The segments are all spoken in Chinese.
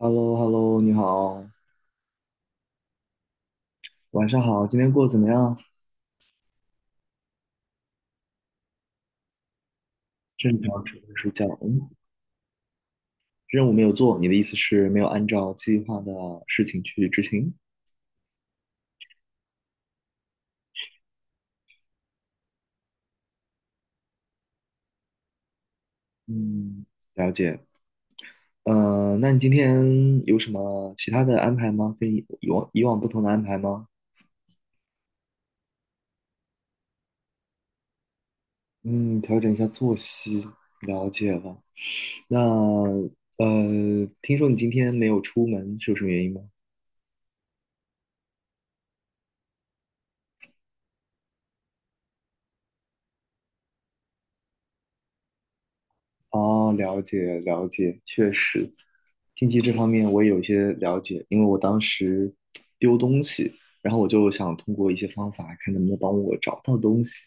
h e l l o h e l l o 你好，晚上好，今天过得怎么样？正常准备睡觉。嗯，任务没有做，你的意思是没有按照计划的事情去执行？嗯，了解。那你今天有什么其他的安排吗？跟以往不同的安排吗？嗯，调整一下作息，了解了。那听说你今天没有出门，是有什么原因吗？哦，了解了解，确实，经济这方面我也有一些了解，因为我当时丢东西，然后我就想通过一些方法看能不能帮我找到东西，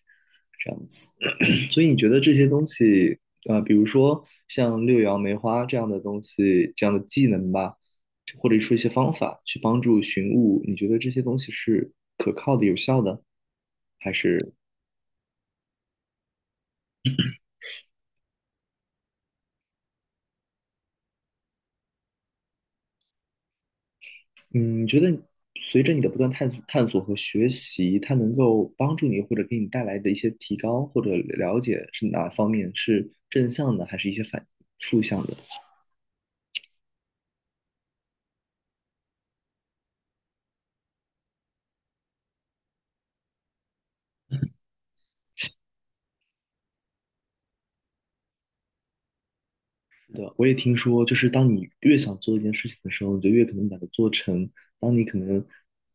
这样子。所以你觉得这些东西，比如说像六爻梅花这样的东西，这样的技能吧，或者说一些方法去帮助寻物，你觉得这些东西是可靠的、有效的，还是？嗯，你觉得随着你的不断探索、探索和学习，它能够帮助你或者给你带来的一些提高或者了解是哪方面？是正向的，还是一些反负向的？是的，我也听说，就是当你越想做一件事情的时候，你就越可能把它做成。当你可能，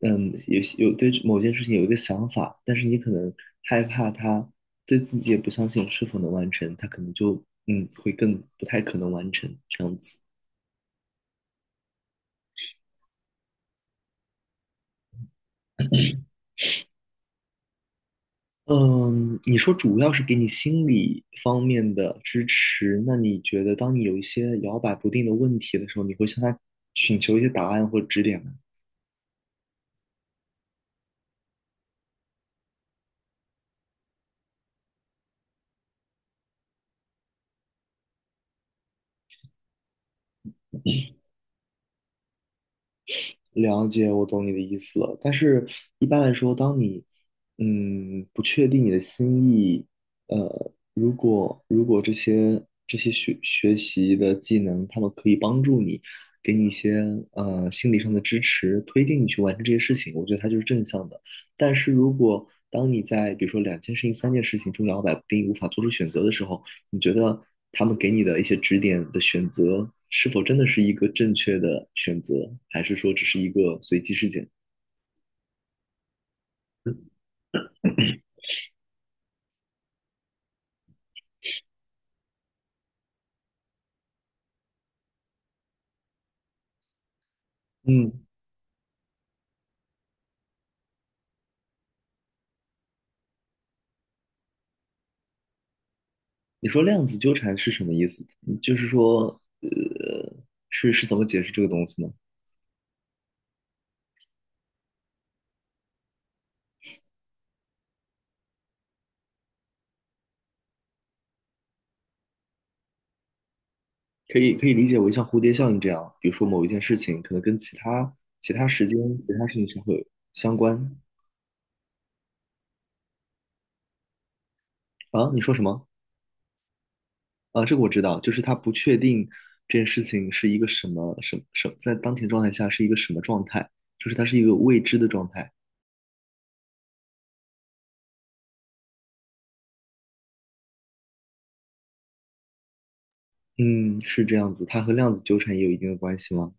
嗯，有对某件事情有一个想法，但是你可能害怕它，对自己也不相信是否能完成，它可能就会更不太可能完成这样子。嗯，你说主要是给你心理方面的支持，那你觉得当你有一些摇摆不定的问题的时候，你会向他寻求一些答案或指点吗？了解，我懂你的意思了。但是，一般来说，当你不确定你的心意，如果如果这些学习的技能，他们可以帮助你，给你一些心理上的支持，推进你去完成这些事情，我觉得它就是正向的。但是如果当你在比如说两件事情、三件事情中摇摆不定，无法做出选择的时候，你觉得他们给你的一些指点的选择，是否真的是一个正确的选择，还是说只是一个随机事件？嗯，你说量子纠缠是什么意思？嗯就是说，是怎么解释这个东西呢？可以理解为像蝴蝶效应这样，比如说某一件事情可能跟其他其他时间、其他事情是会有相关啊？你说什么？啊，这个我知道，就是他不确定这件事情是一个什么在当前状态下是一个什么状态，就是它是一个未知的状态。嗯，是这样子，它和量子纠缠也有一定的关系吗？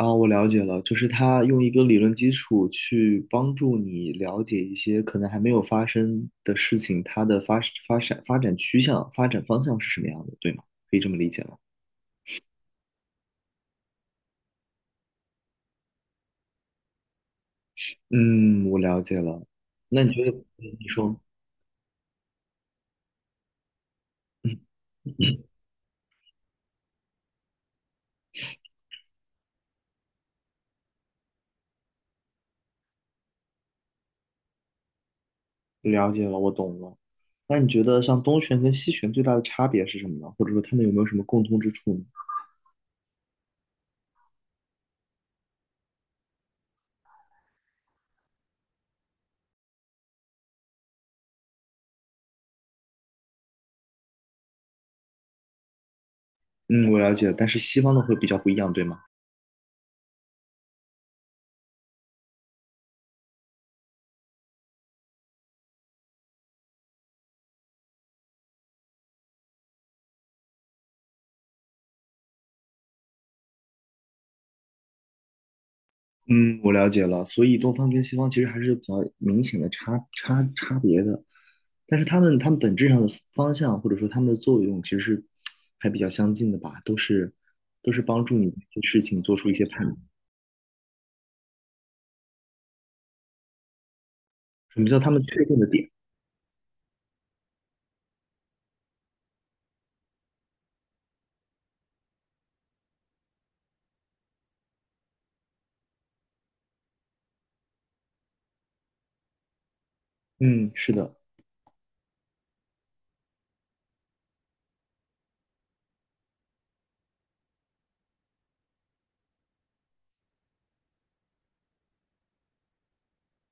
啊，我了解了，就是它用一个理论基础去帮助你了解一些可能还没有发生的事情，它的发展趋向、发展方向是什么样的，对吗？可以这么理解吗？嗯，我了解了。那你觉得，嗯你说，了解了，我懂了。那你觉得像东玄跟西玄最大的差别是什么呢？或者说他们有没有什么共通之处呢？嗯，我了解了，但是西方的会比较不一样，对吗？嗯，我了解了。所以东方跟西方其实还是比较明显的差别的，但是他们本质上的方向或者说他们的作用其实是还比较相近的吧，都是帮助你对事情做出一些判断。什么叫他们确定的点？嗯，是的。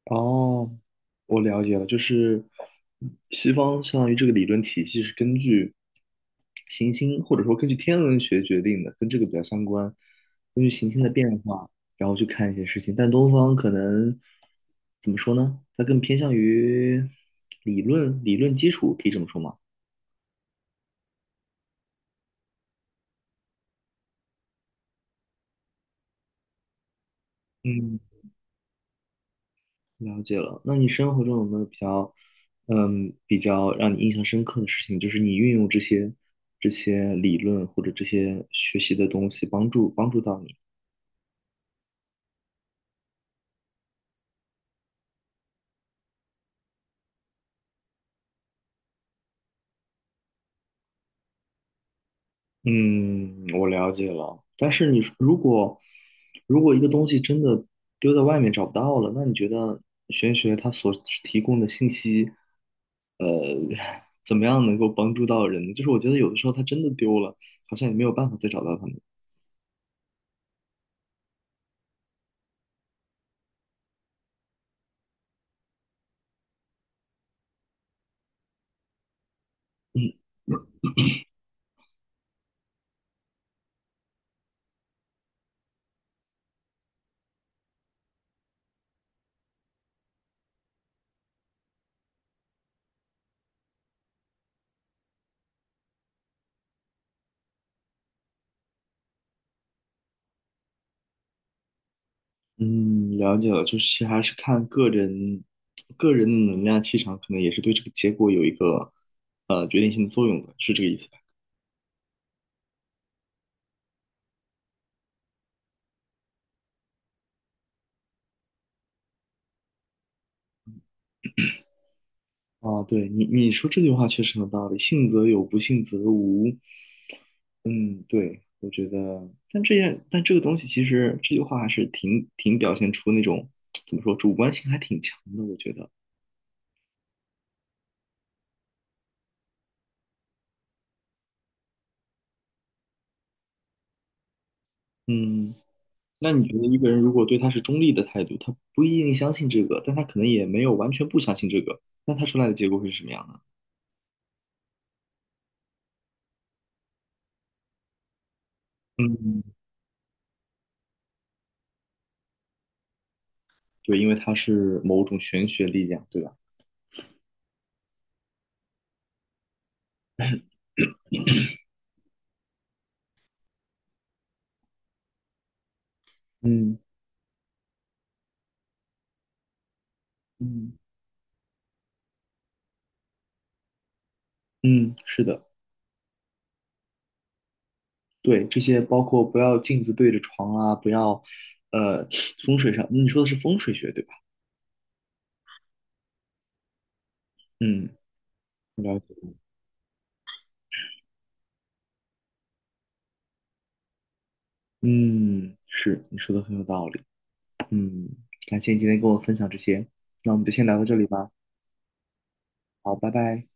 哦，我了解了，就是西方相当于这个理论体系是根据行星或者说根据天文学决定的，跟这个比较相关，根据行星的变化，然后去看一些事情。但东方可能怎么说呢？它更偏向于理论，理论基础，可以这么说吗？嗯。了解了。那你生活中有没有比较，嗯，比较让你印象深刻的事情？就是你运用这些这些理论或者这些学习的东西，帮助到你。嗯，我了解了。但是你说如果如果一个东西真的丢在外面找不到了，那你觉得玄学它所提供的信息怎么样能够帮助到人呢就是我觉得有的时候它真的丢了，好像也没有办法再找到它们。嗯，了解了，就是还是看个人的能量气场，可能也是对这个结果有一个决定性的作用的，是这个意思吧？啊，对你说这句话确实很有道理，信则有，不信则无。嗯，对，我觉得，但这样，但这个东西其实这句话还是挺表现出那种怎么说，主观性还挺强的，我觉得。嗯，那你觉得一个人如果对他是中立的态度，他不一定相信这个，但他可能也没有完全不相信这个，那他出来的结果会是什么样呢？嗯，对，因为它是某种玄学力量，对吧？嗯嗯嗯，是的，对，这些包括不要镜子对着床啊，不要，呃，风水上，你说的是风水学，对吧？嗯，了解。嗯，是，你说的很有道理。嗯，感谢你今天跟我分享这些，那我们就先聊到这里吧。好，拜拜。